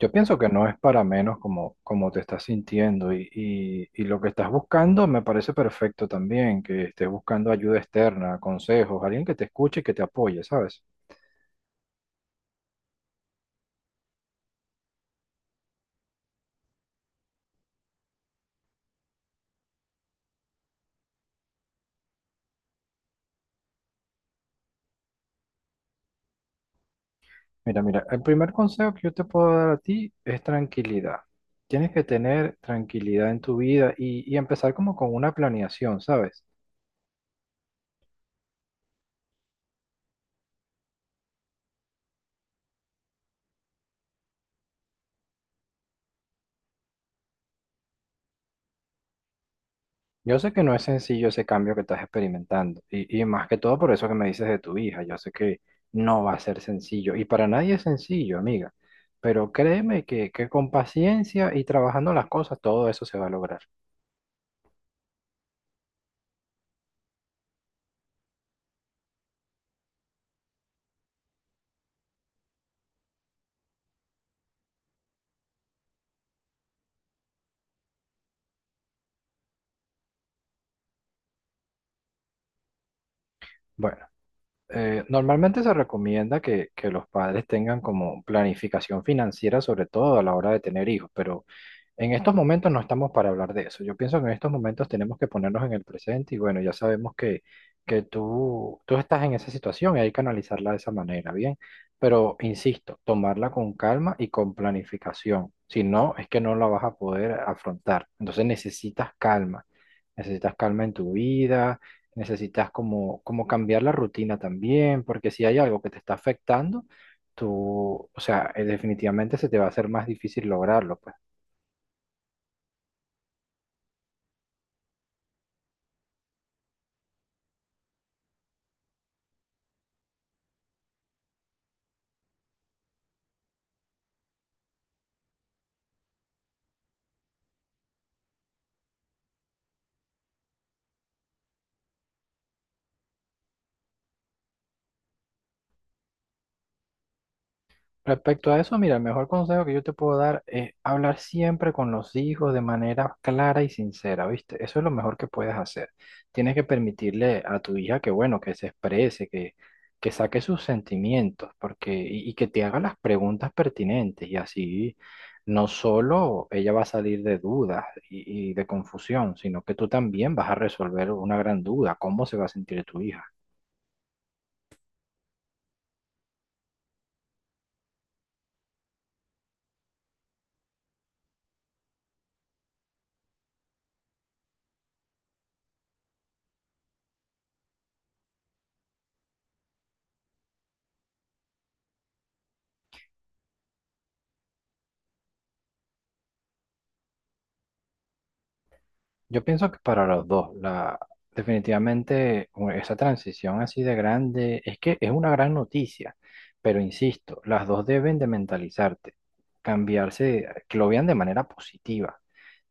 Yo pienso que no es para menos como te estás sintiendo y lo que estás buscando me parece perfecto también, que estés buscando ayuda externa, consejos, alguien que te escuche y que te apoye, ¿sabes? Mira, el primer consejo que yo te puedo dar a ti es tranquilidad. Tienes que tener tranquilidad en tu vida y empezar como con una planeación, ¿sabes? Yo sé que no es sencillo ese cambio que estás experimentando y más que todo por eso que me dices de tu hija, yo sé que no va a ser sencillo y para nadie es sencillo, amiga, pero créeme que con paciencia y trabajando las cosas todo eso se va a lograr. Bueno. Normalmente se recomienda que los padres tengan como planificación financiera, sobre todo a la hora de tener hijos, pero en estos momentos no estamos para hablar de eso. Yo pienso que en estos momentos tenemos que ponernos en el presente y bueno, ya sabemos que, que tú estás en esa situación y hay que analizarla de esa manera, ¿bien? Pero insisto, tomarla con calma y con planificación. Si no, es que no la vas a poder afrontar. Entonces necesitas calma. Necesitas calma en tu vida, necesitas como cambiar la rutina también, porque si hay algo que te está afectando, tú, o sea, definitivamente se te va a hacer más difícil lograrlo, pues. Respecto a eso, mira, el mejor consejo que yo te puedo dar es hablar siempre con los hijos de manera clara y sincera, ¿viste? Eso es lo mejor que puedes hacer. Tienes que permitirle a tu hija que, bueno, que se exprese, que saque sus sentimientos, porque, y que te haga las preguntas pertinentes, y así no solo ella va a salir de dudas y de confusión, sino que tú también vas a resolver una gran duda, cómo se va a sentir tu hija. Yo pienso que para los dos, la, definitivamente esa transición así de grande es que es una gran noticia, pero insisto, las dos deben de mentalizarte, cambiarse, que lo vean de manera positiva.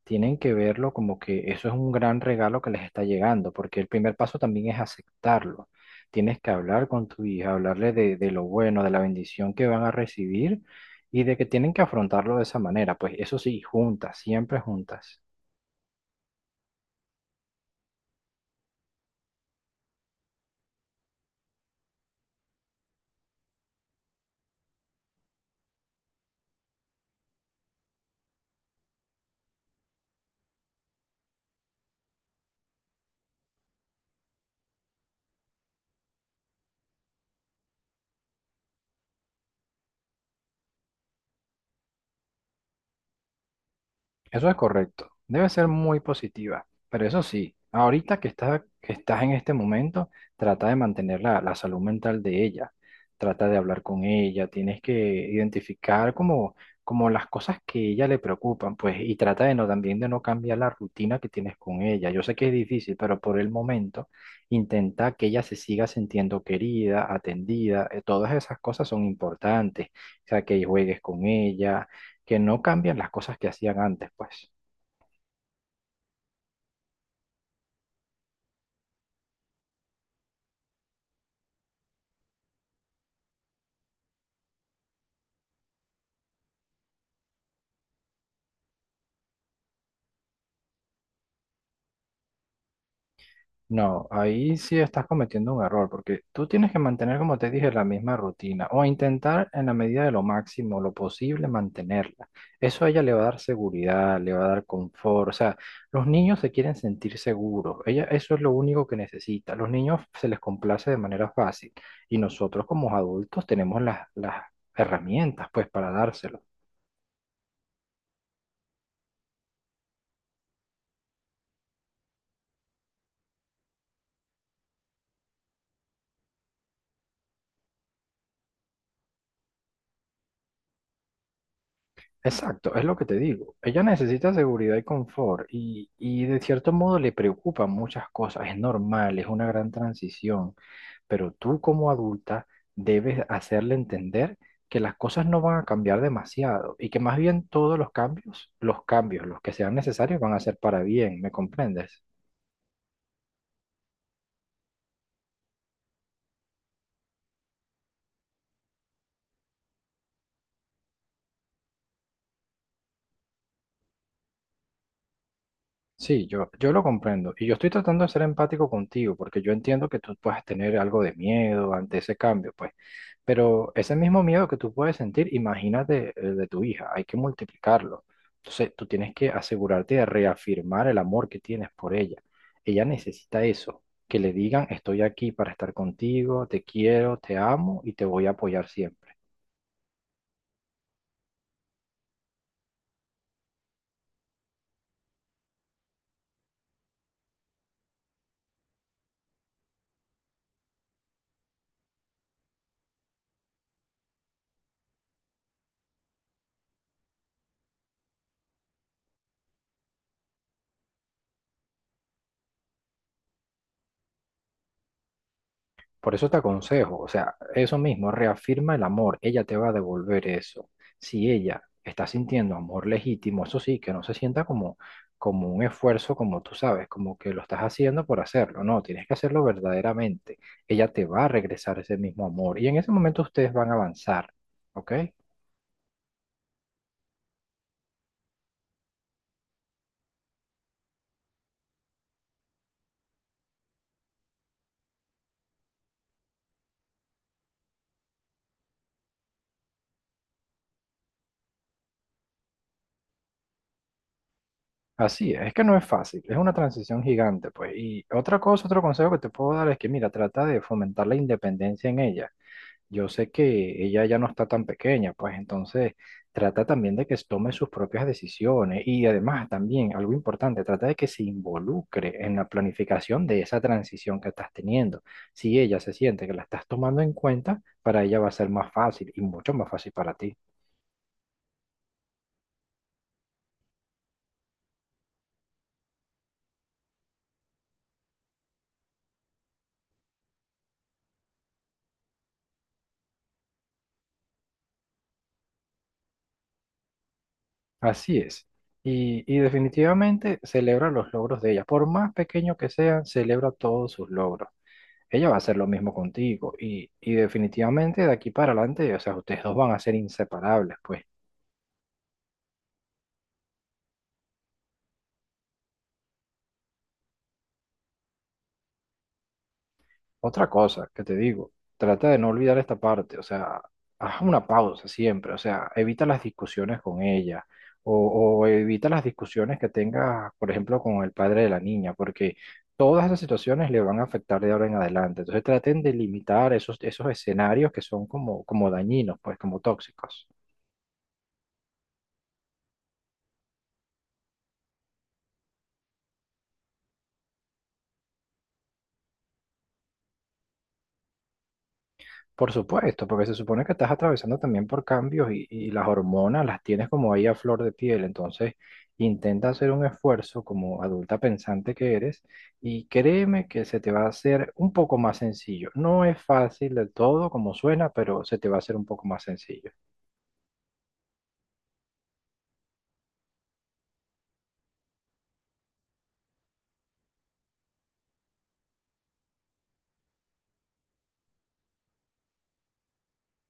Tienen que verlo como que eso es un gran regalo que les está llegando, porque el primer paso también es aceptarlo. Tienes que hablar con tu hija, hablarle de lo bueno, de la bendición que van a recibir y de que tienen que afrontarlo de esa manera. Pues eso sí, juntas, siempre juntas. Eso es correcto. Debe ser muy positiva. Pero eso sí, ahorita que estás en este momento, trata de mantener la, la salud mental de ella. Trata de hablar con ella. Tienes que identificar como las cosas que ella le preocupan, pues, y trata de no, también de no cambiar la rutina que tienes con ella. Yo sé que es difícil, pero por el momento intenta que ella se siga sintiendo querida, atendida. Todas esas cosas son importantes. O sea, que juegues con ella que no cambian las cosas que hacían antes, pues. No, ahí sí estás cometiendo un error, porque tú tienes que mantener, como te dije, la misma rutina o intentar en la medida de lo máximo, lo posible, mantenerla. Eso a ella le va a dar seguridad, le va a dar confort. O sea, los niños se quieren sentir seguros. Ella, eso es lo único que necesita. Los niños se les complace de manera fácil y nosotros como adultos tenemos las herramientas, pues, para dárselo. Exacto, es lo que te digo. Ella necesita seguridad y confort y de cierto modo le preocupan muchas cosas. Es normal, es una gran transición, pero tú como adulta debes hacerle entender que las cosas no van a cambiar demasiado y que más bien todos los cambios, los que sean necesarios van a ser para bien, ¿me comprendes? Sí, yo lo comprendo. Y yo estoy tratando de ser empático contigo, porque yo entiendo que tú puedes tener algo de miedo ante ese cambio, pues. Pero ese mismo miedo que tú puedes sentir, imagínate el de tu hija, hay que multiplicarlo. Entonces, tú tienes que asegurarte de reafirmar el amor que tienes por ella. Ella necesita eso, que le digan, estoy aquí para estar contigo, te quiero, te amo y te voy a apoyar siempre. Por eso te aconsejo, o sea, eso mismo, reafirma el amor, ella te va a devolver eso. Si ella está sintiendo amor legítimo, eso sí, que no se sienta como un esfuerzo, como tú sabes, como que lo estás haciendo por hacerlo, no, tienes que hacerlo verdaderamente. Ella te va a regresar ese mismo amor y en ese momento ustedes van a avanzar, ¿ok? Así es que no es fácil, es una transición gigante, pues. Y otra cosa, otro consejo que te puedo dar es que, mira, trata de fomentar la independencia en ella. Yo sé que ella ya no está tan pequeña, pues entonces trata también de que tome sus propias decisiones y además también algo importante, trata de que se involucre en la planificación de esa transición que estás teniendo. Si ella se siente que la estás tomando en cuenta, para ella va a ser más fácil y mucho más fácil para ti. Así es. Y definitivamente celebra los logros de ella. Por más pequeño que sean, celebra todos sus logros. Ella va a hacer lo mismo contigo y definitivamente de aquí para adelante, o sea, ustedes dos van a ser inseparables, pues. Otra cosa que te digo, trata de no olvidar esta parte, o sea, haz una pausa siempre, o sea, evita las discusiones con ella o evita las discusiones que tengas, por ejemplo, con el padre de la niña, porque todas esas situaciones le van a afectar de ahora en adelante. Entonces traten de limitar esos, esos escenarios que son como dañinos, pues, como tóxicos. Por supuesto, porque se supone que estás atravesando también por cambios y las hormonas las tienes como ahí a flor de piel. Entonces, intenta hacer un esfuerzo como adulta pensante que eres y créeme que se te va a hacer un poco más sencillo. No es fácil del todo como suena, pero se te va a hacer un poco más sencillo.